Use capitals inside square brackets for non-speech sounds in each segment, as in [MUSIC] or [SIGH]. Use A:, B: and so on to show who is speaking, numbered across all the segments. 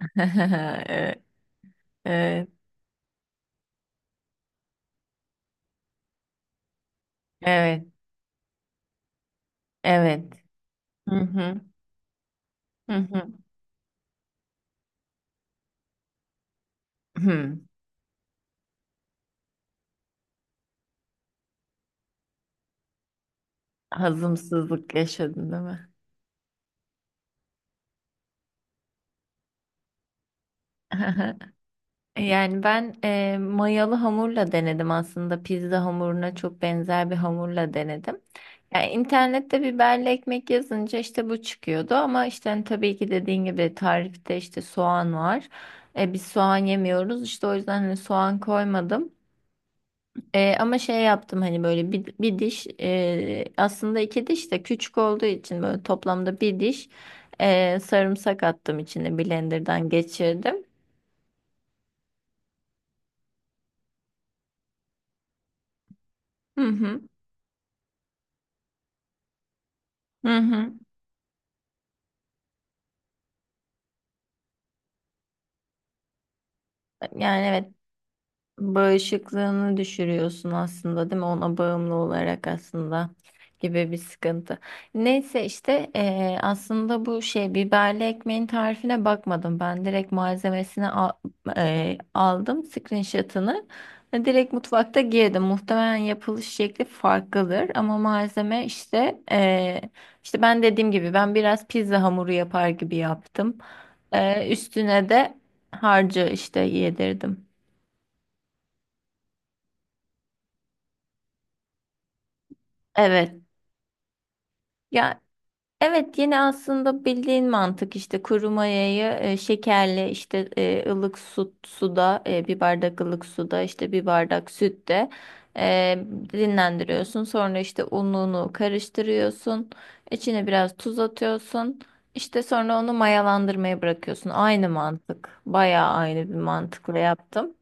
A: [LAUGHS] Evet, evet, evet, evet. Hı hı, hı hı. Hı. Hazımsızlık yaşadın değil mi? [LAUGHS] Yani ben mayalı hamurla denedim aslında pizza hamuruna çok benzer bir hamurla denedim. Yani internette biberli ekmek yazınca işte bu çıkıyordu ama işte hani tabii ki dediğin gibi tarifte işte soğan var. Biz soğan yemiyoruz işte o yüzden hani soğan koymadım. Ama şey yaptım hani böyle bir diş, aslında iki diş de küçük olduğu için böyle toplamda bir diş sarımsak attım, içine blenderdan geçirdim. Hı hı. Hı hı. Yani evet, bağışıklığını düşürüyorsun aslında değil mi? Ona bağımlı olarak aslında gibi bir sıkıntı. Neyse işte aslında bu şey biberli ekmeğin tarifine bakmadım. Ben direkt malzemesini aldım screenshot'ını. Ve direkt mutfakta girdim. Muhtemelen yapılış şekli farklıdır ama malzeme işte işte ben dediğim gibi ben biraz pizza hamuru yapar gibi yaptım. Üstüne de harcı işte yedirdim. Evet. Ya evet, yine aslında bildiğin mantık, işte kuru mayayı şekerle, işte ılık suda, bir bardak ılık suda, işte bir bardak sütte e, dinlendiriyorsun. Sonra işte ununu karıştırıyorsun. İçine biraz tuz atıyorsun. İşte sonra onu mayalandırmaya bırakıyorsun. Aynı mantık. Bayağı aynı bir mantıkla yaptım.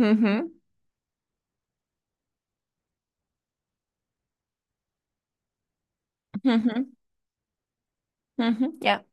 A: Hı hı. Hı hı. Hı hı. Ya,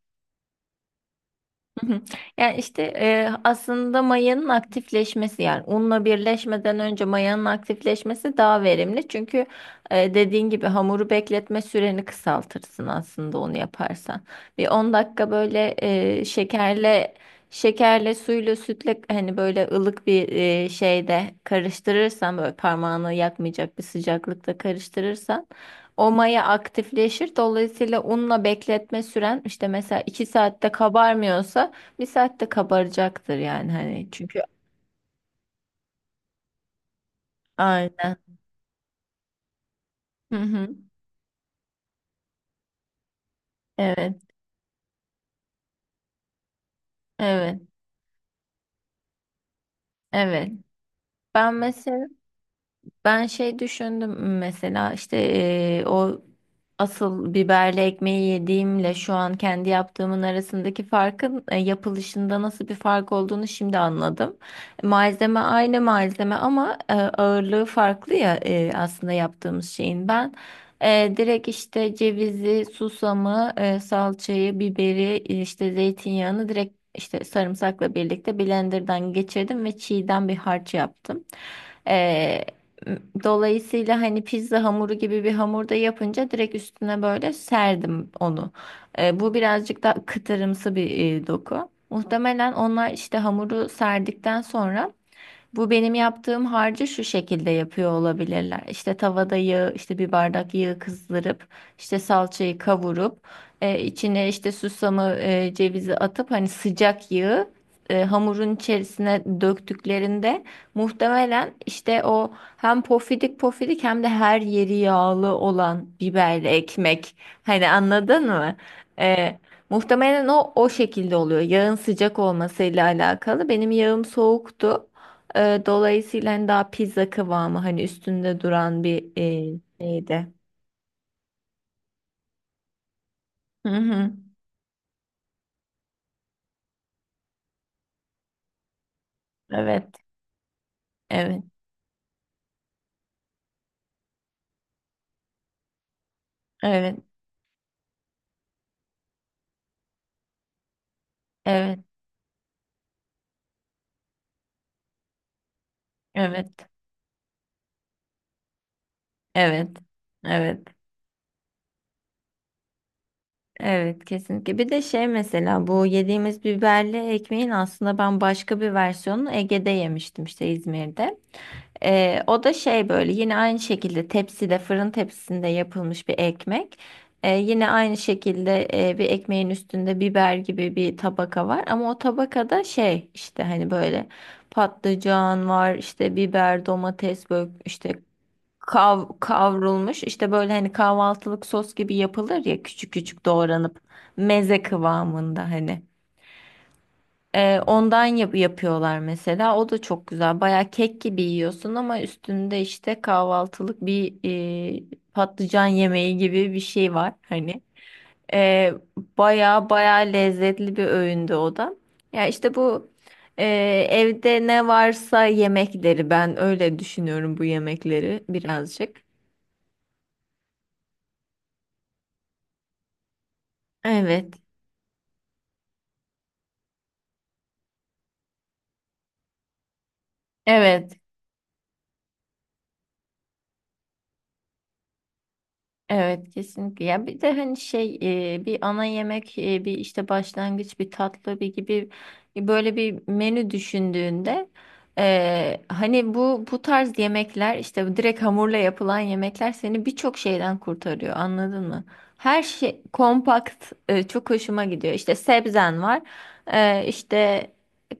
A: hı hı. Yani işte aslında mayanın aktifleşmesi, yani unla birleşmeden önce mayanın aktifleşmesi daha verimli. Çünkü dediğin gibi hamuru bekletme süreni kısaltırsın aslında onu yaparsan. Bir 10 dakika böyle şekerle suyla sütle, hani böyle ılık bir şeyde karıştırırsan, böyle parmağını yakmayacak bir sıcaklıkta karıştırırsan o maya aktifleşir. Dolayısıyla unla bekletme süren işte mesela 2 saatte kabarmıyorsa 1 saatte kabaracaktır, yani hani, çünkü aynen. Hı hı. Evet. Evet. Evet. Ben mesela Ben şey düşündüm mesela, işte o asıl biberli ekmeği yediğimle şu an kendi yaptığımın arasındaki farkın yapılışında nasıl bir fark olduğunu şimdi anladım. Malzeme aynı malzeme ama ağırlığı farklı ya aslında yaptığımız şeyin. Ben direkt işte cevizi, susamı, salçayı, biberi, işte zeytinyağını direkt işte sarımsakla birlikte blenderdan geçirdim ve çiğden bir harç yaptım. Dolayısıyla hani pizza hamuru gibi bir hamurda yapınca direkt üstüne böyle serdim onu. Bu birazcık da kıtırımsı bir doku. Muhtemelen onlar işte hamuru serdikten sonra bu benim yaptığım harcı şu şekilde yapıyor olabilirler. İşte tavada yağı, işte bir bardak yağı kızdırıp, işte salçayı kavurup, içine işte susamı, cevizi atıp hani sıcak yağı hamurun içerisine döktüklerinde muhtemelen işte o hem pofidik pofidik hem de her yeri yağlı olan biberli ekmek. Hani anladın mı? E, Muhtemelen o şekilde oluyor. Yağın sıcak olmasıyla alakalı. Benim yağım soğuktu. Dolayısıyla hani daha pizza kıvamı, hani üstünde duran bir şeydi. Hı hı. Evet, evet, evet, evet, evet, evet, evet, evet, kesinlikle. Bir de şey mesela, bu yediğimiz biberli ekmeğin aslında ben başka bir versiyonunu Ege'de yemiştim, işte İzmir'de. O da şey, böyle yine aynı şekilde tepside, fırın tepsisinde yapılmış bir ekmek. Yine aynı şekilde bir ekmeğin üstünde biber gibi bir tabaka var, ama o tabakada şey, işte hani böyle patlıcan var, işte biber, domates, böyle işte kavrulmuş, işte böyle hani kahvaltılık sos gibi yapılır ya, küçük küçük doğranıp meze kıvamında, hani. Ondan yapıyorlar mesela. O da çok güzel. Baya kek gibi yiyorsun ama üstünde işte kahvaltılık bir e, patlıcan yemeği gibi bir şey var, hani. Ee, Baya baya lezzetli bir öğündü o da. Ya işte bu e, evde ne varsa yemekleri, ben öyle düşünüyorum bu yemekleri birazcık. Evet. Evet. Evet, kesinlikle. Ya bir de hani şey, bir ana yemek, bir işte başlangıç, bir tatlı, bir gibi, böyle bir menü düşündüğünde hani bu tarz yemekler, işte direkt hamurla yapılan yemekler, seni birçok şeyden kurtarıyor, anladın mı? Her şey kompakt, çok hoşuma gidiyor. İşte sebzen var, işte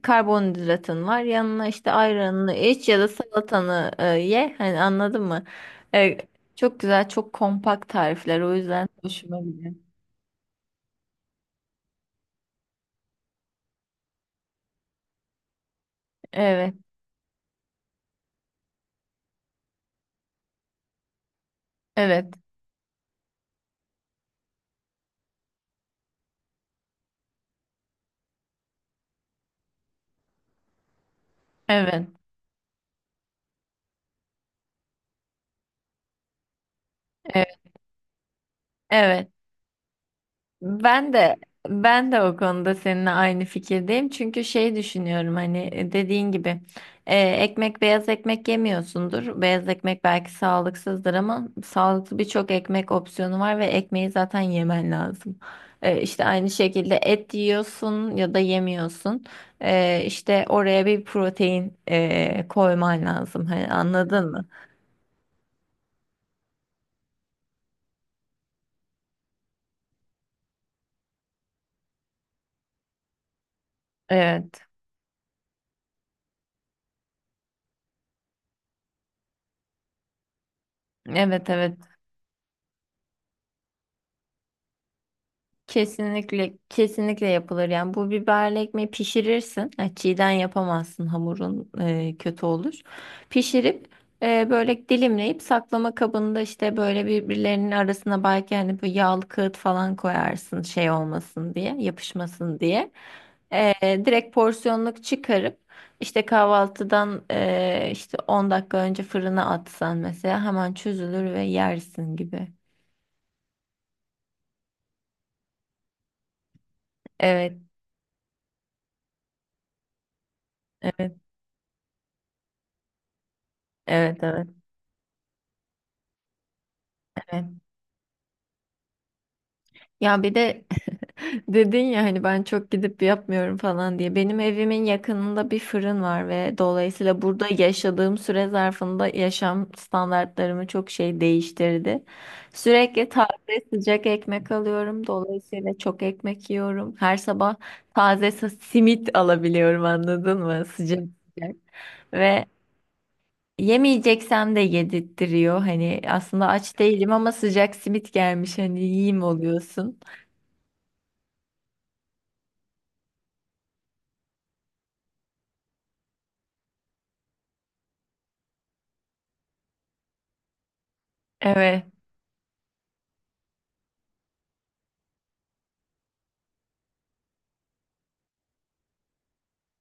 A: karbonhidratın var, yanına işte ayranını iç ya da salatanı ye, hani anladın mı? Çok güzel, çok kompakt tarifler. O yüzden hoşuma gidiyor. Evet, evet, evet, evet, evet. Ben de ben de o konuda seninle aynı fikirdeyim. Çünkü şey düşünüyorum hani, dediğin gibi beyaz ekmek yemiyorsundur. Beyaz ekmek belki sağlıksızdır ama sağlıklı birçok ekmek opsiyonu var ve ekmeği zaten yemen lazım. İşte aynı şekilde et yiyorsun ya da yemiyorsun. İşte oraya bir protein koyman lazım. Hani anladın mı? Evet. Evet, evet. Kesinlikle, kesinlikle yapılır. Yani bu biberli ekmeği pişirirsin. Yani çiğden yapamazsın, hamurun kötü olur. Pişirip böyle dilimleyip saklama kabında, işte böyle birbirlerinin arasına belki hani bu yağlı kağıt falan koyarsın, şey olmasın diye, yapışmasın diye. Direkt porsiyonluk çıkarıp işte kahvaltıdan işte 10 dakika önce fırına atsan mesela, hemen çözülür ve yersin gibi. Evet, evet, evet, evet, evet. Ya bir de dedin ya, hani ben çok gidip yapmıyorum falan diye. Benim evimin yakınında bir fırın var ve dolayısıyla burada yaşadığım süre zarfında yaşam standartlarımı çok şey değiştirdi. Sürekli taze sıcak ekmek alıyorum. Dolayısıyla çok ekmek yiyorum. Her sabah taze simit alabiliyorum, anladın mı? Sıcak sıcak. Ve yemeyeceksem de yedirtiyor. Hani aslında aç değilim ama sıcak simit gelmiş, hani yiyeyim oluyorsun. Evet.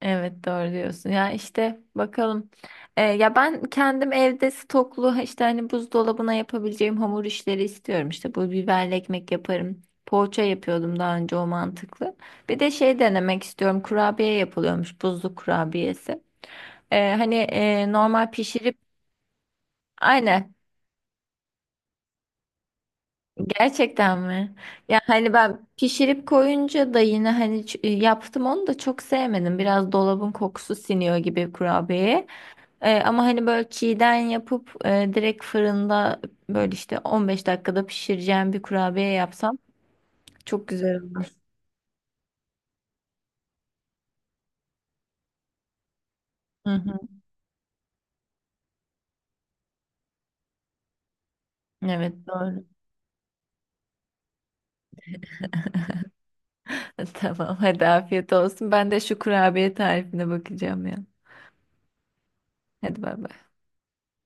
A: Evet, doğru diyorsun. Ya işte, bakalım. Ya ben kendim evde stoklu, işte hani buzdolabına yapabileceğim hamur işleri istiyorum. İşte bu biberli ekmek yaparım. Poğaça yapıyordum daha önce, o mantıklı. Bir de şey denemek istiyorum, kurabiye yapılıyormuş, buzlu kurabiyesi. Hani normal pişirip aynen, gerçekten mi? Ya hani ben pişirip koyunca da yine hani yaptım, onu da çok sevmedim. Biraz dolabın kokusu siniyor gibi kurabiyeye. Ama hani böyle çiğden yapıp direkt fırında böyle işte 15 dakikada pişireceğim bir kurabiye yapsam çok güzel olur. Hı hı. Evet, doğru. [LAUGHS] Tamam, hadi afiyet olsun. Ben de şu kurabiye tarifine bakacağım ya. Hadi bay bay.